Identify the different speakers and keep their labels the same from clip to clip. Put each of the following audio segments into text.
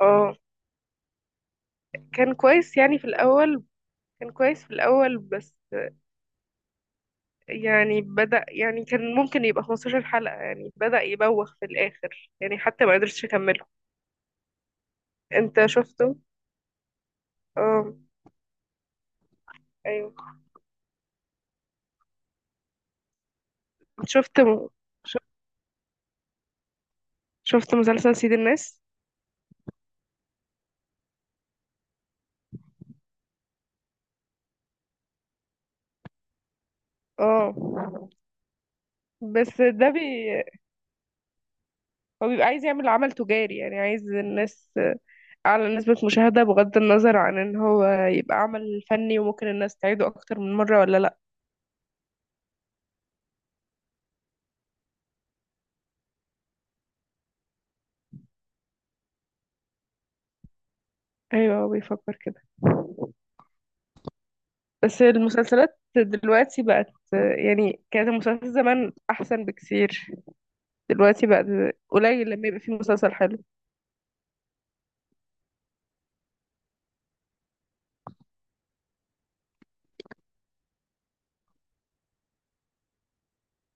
Speaker 1: اه. كان كويس يعني في الأول كان كويس في الأول بس يعني بدأ يعني كان ممكن يبقى 15 حلقة، يعني بدأ يبوخ في الآخر يعني حتى ما قدرتش أكمله. أنت شفته؟ اه، أيوه. شفت م... ش- شفت مسلسل سيد الناس؟ اه. بس ده بي... هو بيبقى عايز يعمل عمل تجاري، يعني عايز الناس أعلى نسبة مشاهدة بغض النظر عن إن هو يبقى عمل فني وممكن الناس تعيده أكتر من مرة ولا لأ. أيوه، هو بيفكر كده. بس المسلسلات دلوقتي بقت، يعني كانت المسلسلات زمان احسن بكثير، دلوقتي بقت قليل لما يبقى فيه مسلسل حلو.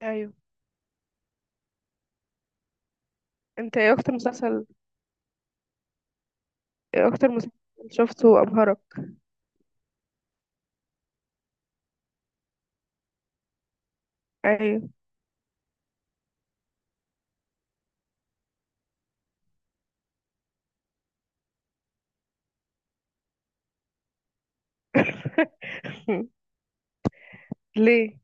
Speaker 1: ايوه. انت ايه اكتر مسلسل شفته ابهرك؟ ايوه. ليه؟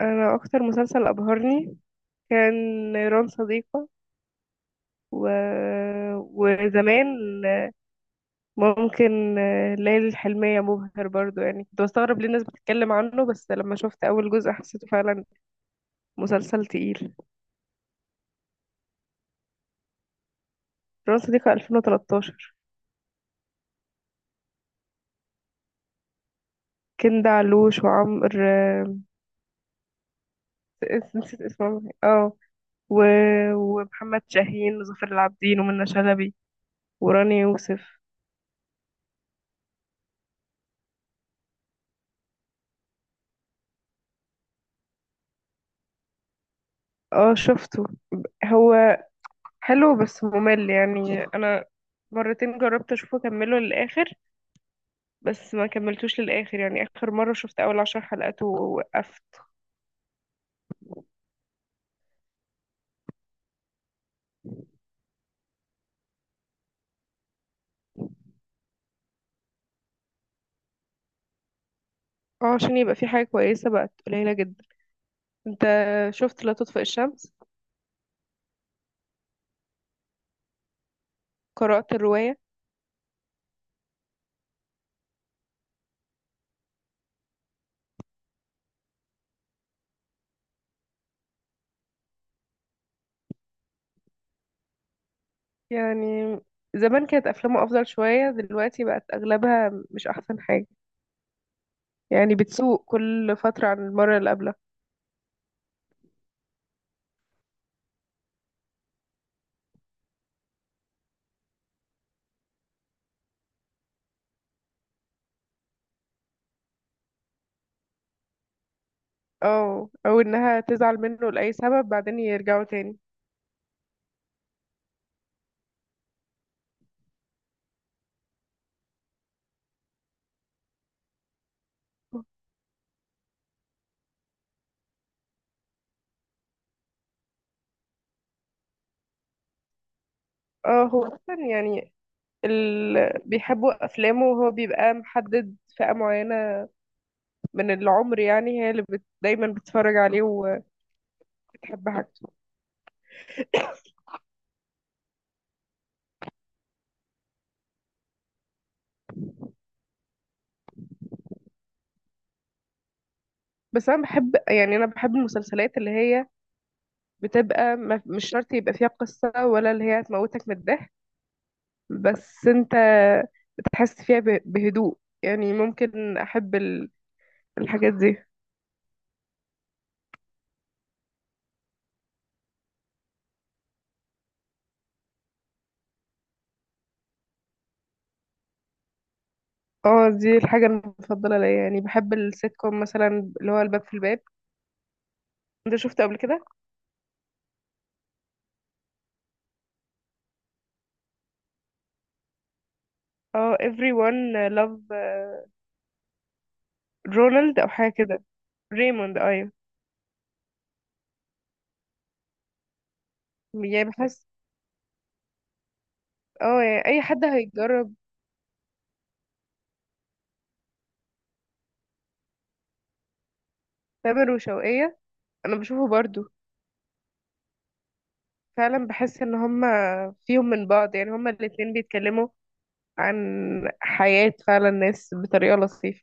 Speaker 1: انا اكتر مسلسل ابهرني كان نيران صديقة. و... وزمان ممكن ليالي الحلمية مبهر برضو، يعني كنت بستغرب ليه الناس بتتكلم عنه بس لما شفت اول جزء حسيته فعلا مسلسل تقيل. رأس دي في 2013. كندا علوش وعمر، آه، نسيت اسمه اه. و... ومحمد شاهين وظافر العابدين ومنى شلبي وراني يوسف. اه شفته، هو حلو بس ممل، يعني انا مرتين جربت اشوفه اكمله للاخر بس ما كملتوش للاخر، يعني اخر مرة شفت اول عشر حلقات ووقفت. اه، عشان يبقى في حاجة كويسة بقت قليلة جدا. انت شفت لا تطفئ الشمس؟ قرأت الرواية. يعني زمان كانت أفلامه أفضل شوية، دلوقتي بقت أغلبها مش أحسن حاجة، يعني بتسوء كل فترة عن المرة اللي قبلها. اه، أو إنها تزعل منه لأي سبب بعدين يرجعوا تاني. اه هو أصلا يعني بيحبوا أفلامه، وهو بيبقى محدد فئة معينة من العمر، يعني هي دايما بتتفرج عليه وبتحب حاجته. بس أنا بحب المسلسلات اللي هي بتبقى ما... مش شرط يبقى فيها قصة، ولا اللي هي هتموتك من الضحك، بس انت بتحس فيها بهدوء. يعني ممكن احب الحاجات دي. اه دي الحاجة المفضلة ليا، يعني بحب السيت كوم مثلا اللي هو الباب في الباب. انت شفته قبل كده؟ اه everyone love، رونالد او حاجة كده. ريموند، ايوه. يعني بحس، اه يعني اي حد هيجرب. تامر وشوقية. انا بشوفه برضو، فعلا بحس ان هما فيهم من بعض، يعني هما الاتنين بيتكلموا عن حياة فعلا الناس بطريقة لطيفة.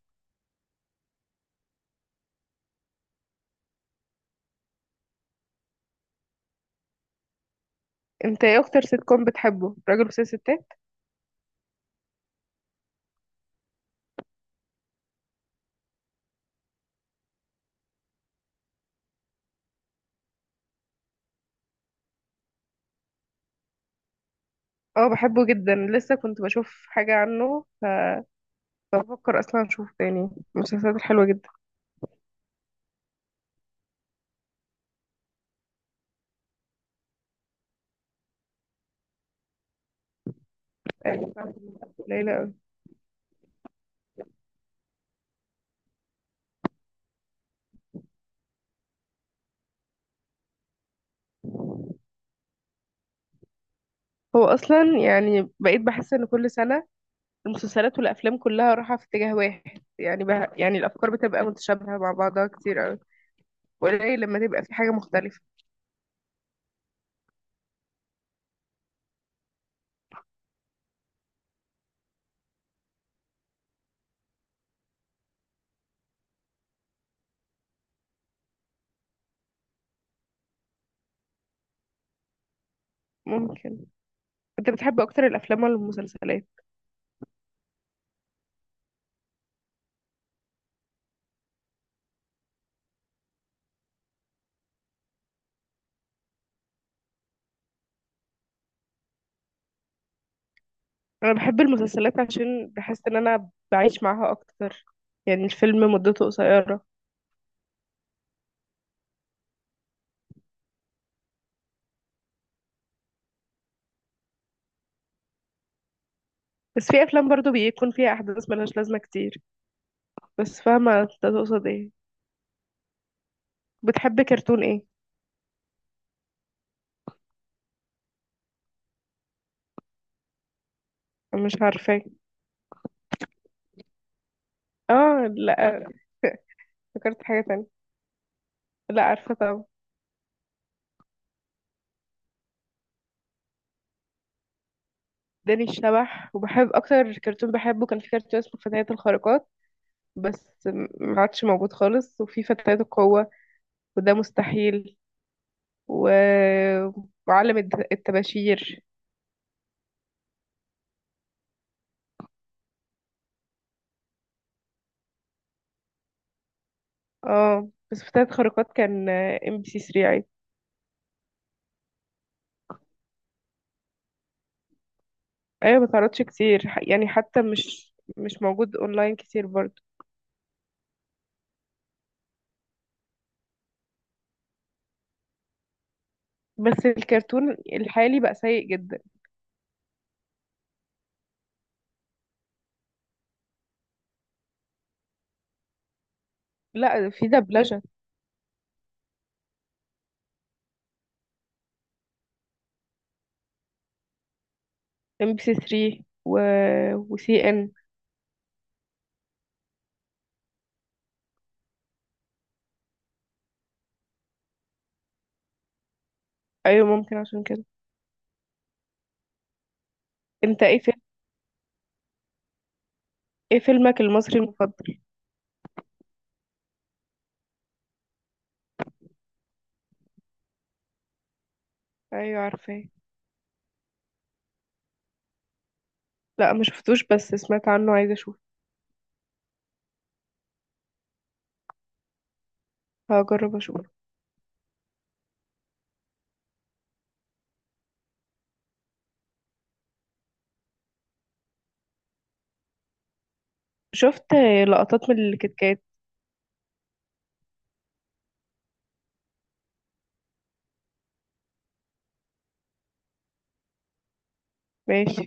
Speaker 1: انت ايه اكتر سيت كوم بتحبه؟ راجل وست ستات. اه بحبه جدا، لسه كنت بشوف حاجة عنه، بفكر اصلا اشوف تاني. المسلسلات الحلوة جدا قليلة اوي. هو اصلا يعني بقيت بحس ان كل سنة المسلسلات والافلام كلها رايحة في اتجاه واحد، يعني بها يعني الافكار بتبقى متشابهة مع بعضها كتير اوي، وقليل لما تبقى في حاجة مختلفة. ممكن. انت بتحب اكتر الافلام ولا المسلسلات؟ انا بحب المسلسلات عشان بحس ان انا بعيش معاها اكتر، يعني الفيلم مدته قصيرة. بس في افلام برضو بيكون فيها احداث ملهاش لازمه كتير، بس فاهمه انت تقصد ايه. بتحب كرتون ايه؟ أنا مش عارفاه. اه لا، فكرت حاجه تانية، لا عارفه طبعا. داني الشبح، وبحب اكتر كرتون بحبه كان في كرتون اسمه فتيات الخارقات، بس ما عادش موجود خالص، وفي فتيات القوه وده مستحيل. و... وعالم الطباشير. اه بس فتيات الخارقات كان ام بي سي 3 عادي. ايوه ما تعرضش كتير، يعني حتى مش موجود اونلاين كتير برضه. بس الكرتون الحالي بقى سيء جدا. لا في دبلجة. ام بي سي 3، وسي ان. ايوه ممكن عشان كده. انت ايه فيلمك المصري المفضل؟ ايوه عارفاه. لا ما شفتوش بس سمعت عنه، عايزه اشوف. هجرب اشوف. شفت لقطات من الكتكات. ماشي.